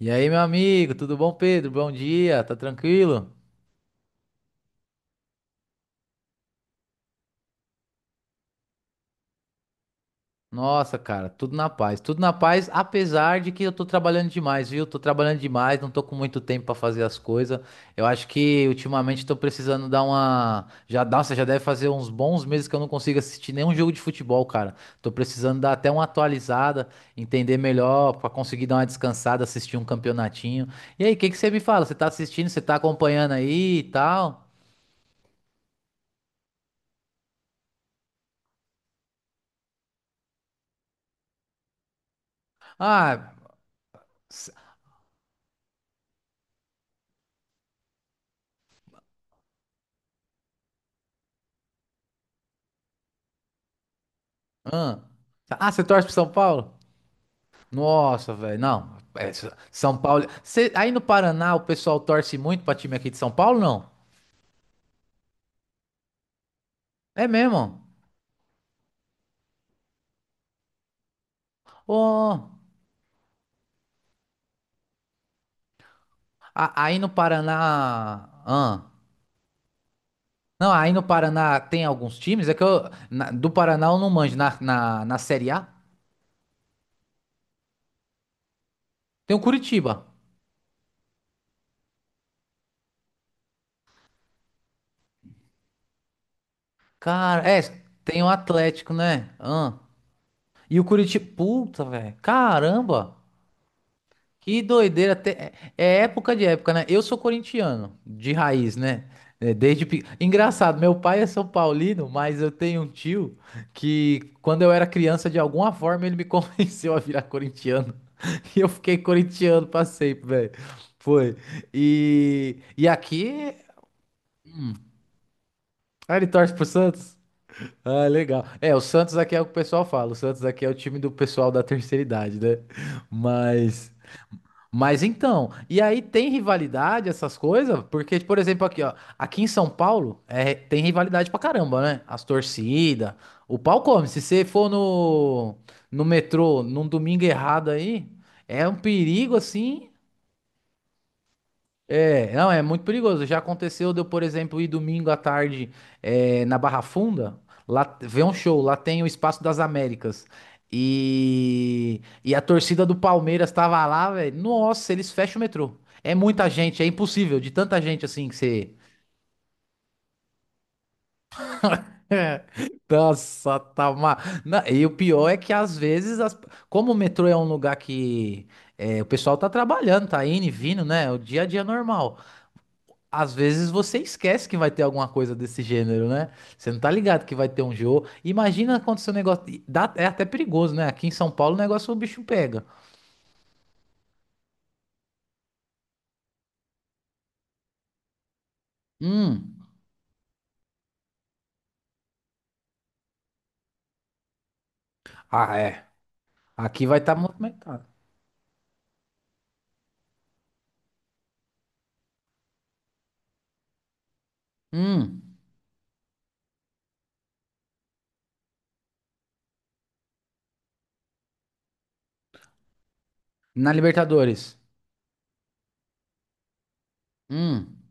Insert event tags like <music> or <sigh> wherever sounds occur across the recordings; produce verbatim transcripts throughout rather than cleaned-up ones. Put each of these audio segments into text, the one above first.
E aí, meu amigo, tudo bom, Pedro? Bom dia, tá tranquilo? Nossa, cara, tudo na paz, tudo na paz, apesar de que eu tô trabalhando demais, viu? Tô trabalhando demais, não tô com muito tempo pra fazer as coisas. Eu acho que ultimamente tô precisando dar uma. Já, nossa, já deve fazer uns bons meses que eu não consigo assistir nenhum jogo de futebol, cara. Tô precisando dar até uma atualizada, entender melhor, pra conseguir dar uma descansada, assistir um campeonatinho. E aí, o que que você me fala? Você tá assistindo, você tá acompanhando aí e tal? Ah. Ah, ah, você torce pro São Paulo? Nossa, velho, não. É, S- São Paulo. Cê- aí no Paraná o pessoal torce muito pra time aqui de São Paulo, não? É mesmo? Ô, a- aí no Paraná. Ah, não, aí no Paraná tem alguns times. É que eu. na- do Paraná eu não manjo. Na, na, na Série A tem o Curitiba. Cara, é. Tem o Atlético, né? Ah, e o Curitiba. Puta, velho. Caramba. Que doideira. te- É é época de época, né? Eu sou corintiano, de raiz, né? É, Desde pe- Engraçado, meu pai é São Paulino, mas eu tenho um tio que, quando eu era criança, de alguma forma ele me <laughs> convenceu a virar corintiano. <laughs> E eu fiquei corintiano pra sempre, velho. Foi. E, e aqui. Ah, ele torce pro Santos? Ah, legal. É, o Santos aqui é o que o pessoal fala. O Santos aqui é o time do pessoal da terceira idade, né? Mas. Mas então, e aí tem rivalidade, essas coisas? Porque, por exemplo, aqui, ó, aqui em São Paulo, é, tem rivalidade pra caramba, né? As torcidas, o pau come. Se você for no, no metrô num domingo errado aí, é um perigo assim. É, não, é muito perigoso. Já aconteceu de eu, por exemplo, ir domingo à tarde eh, na Barra Funda, lá ver um show, lá tem o Espaço das Américas. E, e a torcida do Palmeiras tava lá, velho. Nossa, eles fecham o metrô. É muita gente, é impossível, de tanta gente assim que você. <laughs> Nossa, tá uma. Na- E o pior é que às vezes, as- como o metrô é um lugar que é, o pessoal tá trabalhando, tá indo e vindo, né? O dia a dia é normal. Às vezes você esquece que vai ter alguma coisa desse gênero, né? Você não tá ligado que vai ter um jogo. Imagina quando seu negócio. e dá- É até perigoso, né? Aqui em São Paulo o negócio o bicho pega. Hum. Ah, é. Aqui vai estar movimentado. Hum. Na Libertadores. Hum.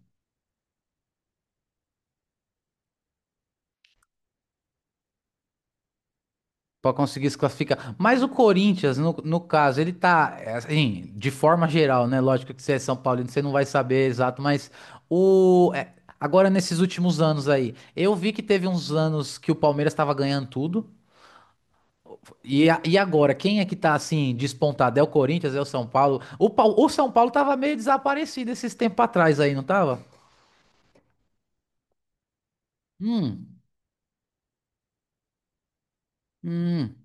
Pra conseguir se classificar. Mas o Corinthians, no, no caso, ele tá. é, Assim, de forma geral, né? Lógico que você é São Paulino, você não vai saber exato, mas o. é, Agora, nesses últimos anos aí, eu vi que teve uns anos que o Palmeiras estava ganhando tudo. E, a- e agora, quem é que tá assim despontado? É o Corinthians, é o São Paulo? O, Pau- o São Paulo tava meio desaparecido esses tempos atrás aí, não tava? Hum, hum.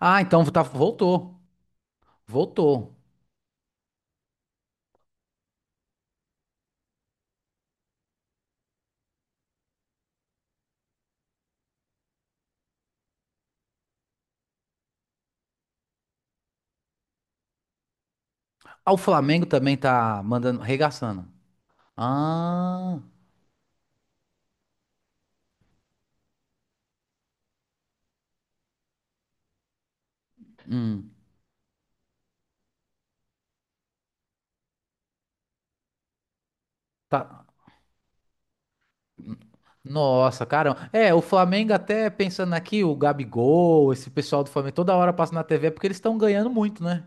Ah, então tá- voltou. Voltou. Ah, o Flamengo também tá mandando, regaçando. Ah, hum. Tá. Nossa, caramba. É, o Flamengo até pensando aqui, o Gabigol, esse pessoal do Flamengo, toda hora passa na T V porque eles estão ganhando muito, né?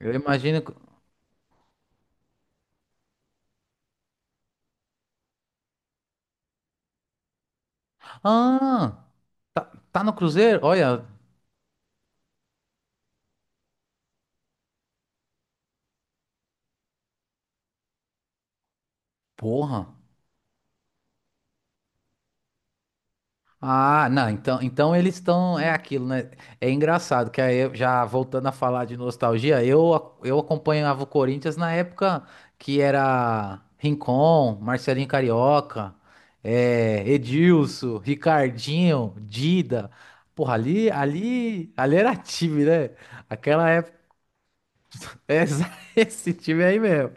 Eu imagino. que- Ah, tá, tá no Cruzeiro? Olha, porra. Ah, não, então, então eles estão, é aquilo, né? É engraçado que aí, eu- já voltando a falar de nostalgia, eu, a- eu acompanhava o Corinthians na época que era Rincon, Marcelinho Carioca, é, Edilson, Ricardinho, Dida. Porra, ali, ali, ali era time, né? Aquela época, <laughs> essa- esse time aí mesmo.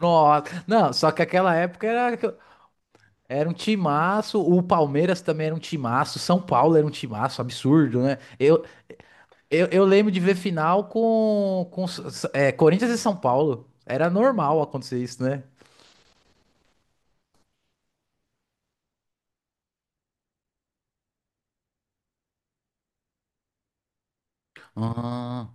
Nossa, não, só que aquela época era. Era um timaço, o Palmeiras também era um timaço, São Paulo era um timaço, absurdo, né? Eu, eu, eu lembro de ver final com, com é, Corinthians e São Paulo. Era normal acontecer isso, né? Ah,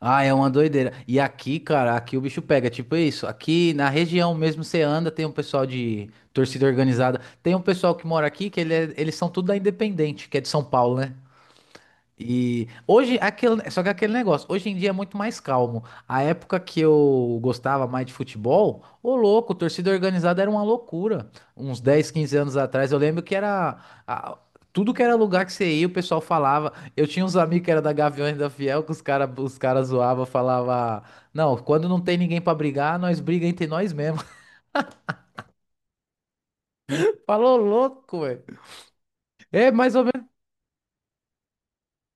ah, é uma doideira. E aqui, cara, aqui o bicho pega, tipo isso. Aqui na região mesmo você anda, tem um pessoal de torcida organizada. Tem um pessoal que mora aqui que ele é- eles são tudo da Independente, que é de São Paulo, né? E hoje, aquele, só que aquele negócio, hoje em dia é muito mais calmo. A época que eu gostava mais de futebol, ô louco, torcida organizada era uma loucura. Uns dez quinze anos atrás, eu lembro que era a- tudo que era lugar que você ia, o pessoal falava. Eu tinha uns amigos que era da Gaviões da Fiel, que os caras os cara zoavam, falava, não, quando não tem ninguém pra brigar, nós briga entre nós mesmo. <laughs> Falou louco, velho. É mais ou menos.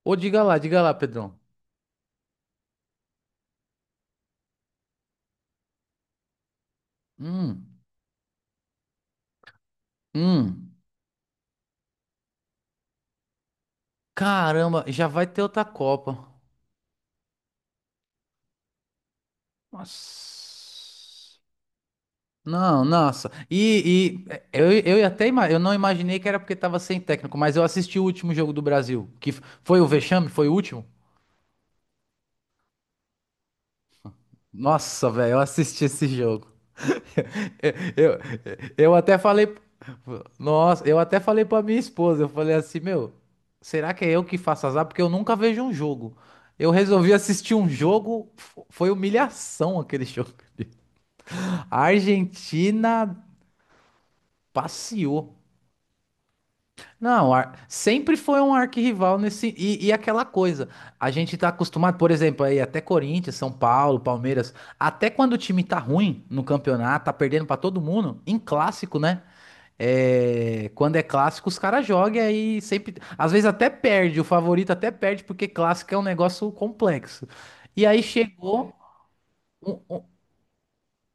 Ô, diga lá, diga lá, Pedrão. Hum, hum. Caramba, já vai ter outra Copa. Nossa. Não, nossa. E, e eu, eu até ima- eu não imaginei que era porque tava sem técnico, mas eu assisti o último jogo do Brasil, que f- foi o vexame, foi o último. Nossa, velho, eu assisti esse jogo. <laughs> Eu, eu até falei, nossa, eu até falei pra minha esposa, eu falei assim, meu, será que é eu que faço azar? Porque eu nunca vejo um jogo. Eu resolvi assistir um jogo, f- foi humilhação aquele jogo. <laughs> A Argentina passeou. Não, ar- sempre foi um arquirrival nesse. E, e aquela coisa. A gente tá acostumado, por exemplo, aí até Corinthians, São Paulo, Palmeiras. Até quando o time tá ruim no campeonato, tá perdendo pra todo mundo, em clássico, né? É, quando é clássico, os caras jogam e aí sempre. Às vezes até perde, o favorito até perde, porque clássico é um negócio complexo. E aí chegou. um,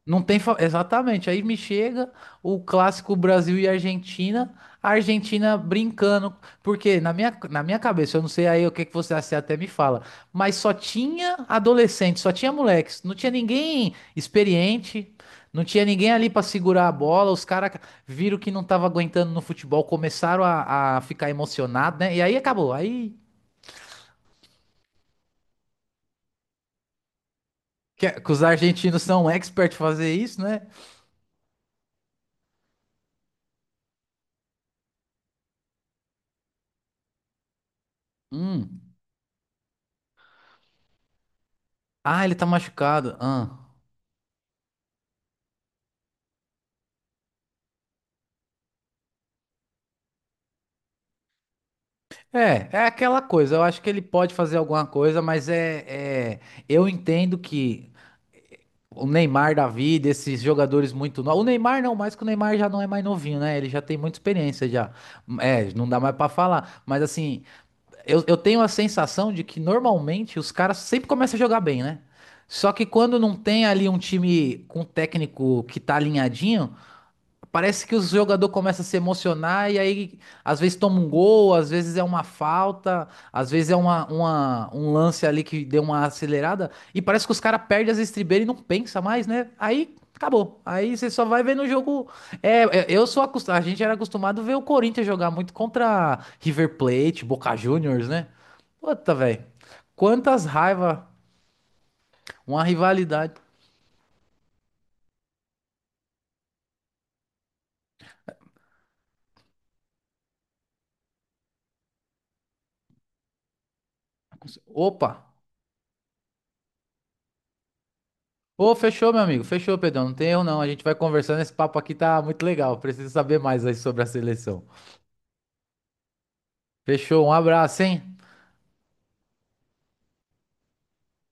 não tem. fa- Exatamente. Aí me chega o clássico Brasil e Argentina. A Argentina brincando. Porque na minha, na minha, cabeça, eu não sei aí o que que você você até me fala. Mas só tinha adolescente, só tinha moleques. Não tinha ninguém experiente. Não tinha ninguém ali pra segurar a bola. Os caras viram que não tava aguentando no futebol. Começaram a, a ficar emocionados, né? E aí acabou. Aí. Que, que os argentinos são expert fazer isso, né? Hum. Ah, ele tá machucado. Ah. É, é aquela coisa. Eu acho que ele pode fazer alguma coisa, mas é, é- eu entendo que o Neymar da vida, esses jogadores muito novos. O Neymar não, mais que o Neymar já não é mais novinho, né? Ele já tem muita experiência já. É, não dá mais pra falar. Mas assim, eu, eu tenho a sensação de que normalmente os caras sempre começam a jogar bem, né? Só que quando não tem ali um time com técnico que tá alinhadinho, parece que o jogador começa a se emocionar e aí às vezes toma um gol, às vezes é uma falta, às vezes é uma, uma- um lance ali que deu uma acelerada e parece que os caras perdem as estribeiras e não pensa mais, né? Aí acabou. Aí você só vai ver no jogo. É, é, eu sou acostumado, a gente era acostumado a ver o Corinthians jogar muito contra River Plate, Boca Juniors, né? Puta, velho. Quantas raiva, uma rivalidade. Opa. Ô, fechou, meu amigo. Fechou, Pedrão. Não tem erro, não. A gente vai conversando. Esse papo aqui tá muito legal. Preciso saber mais aí sobre a seleção. Fechou. Um abraço, hein?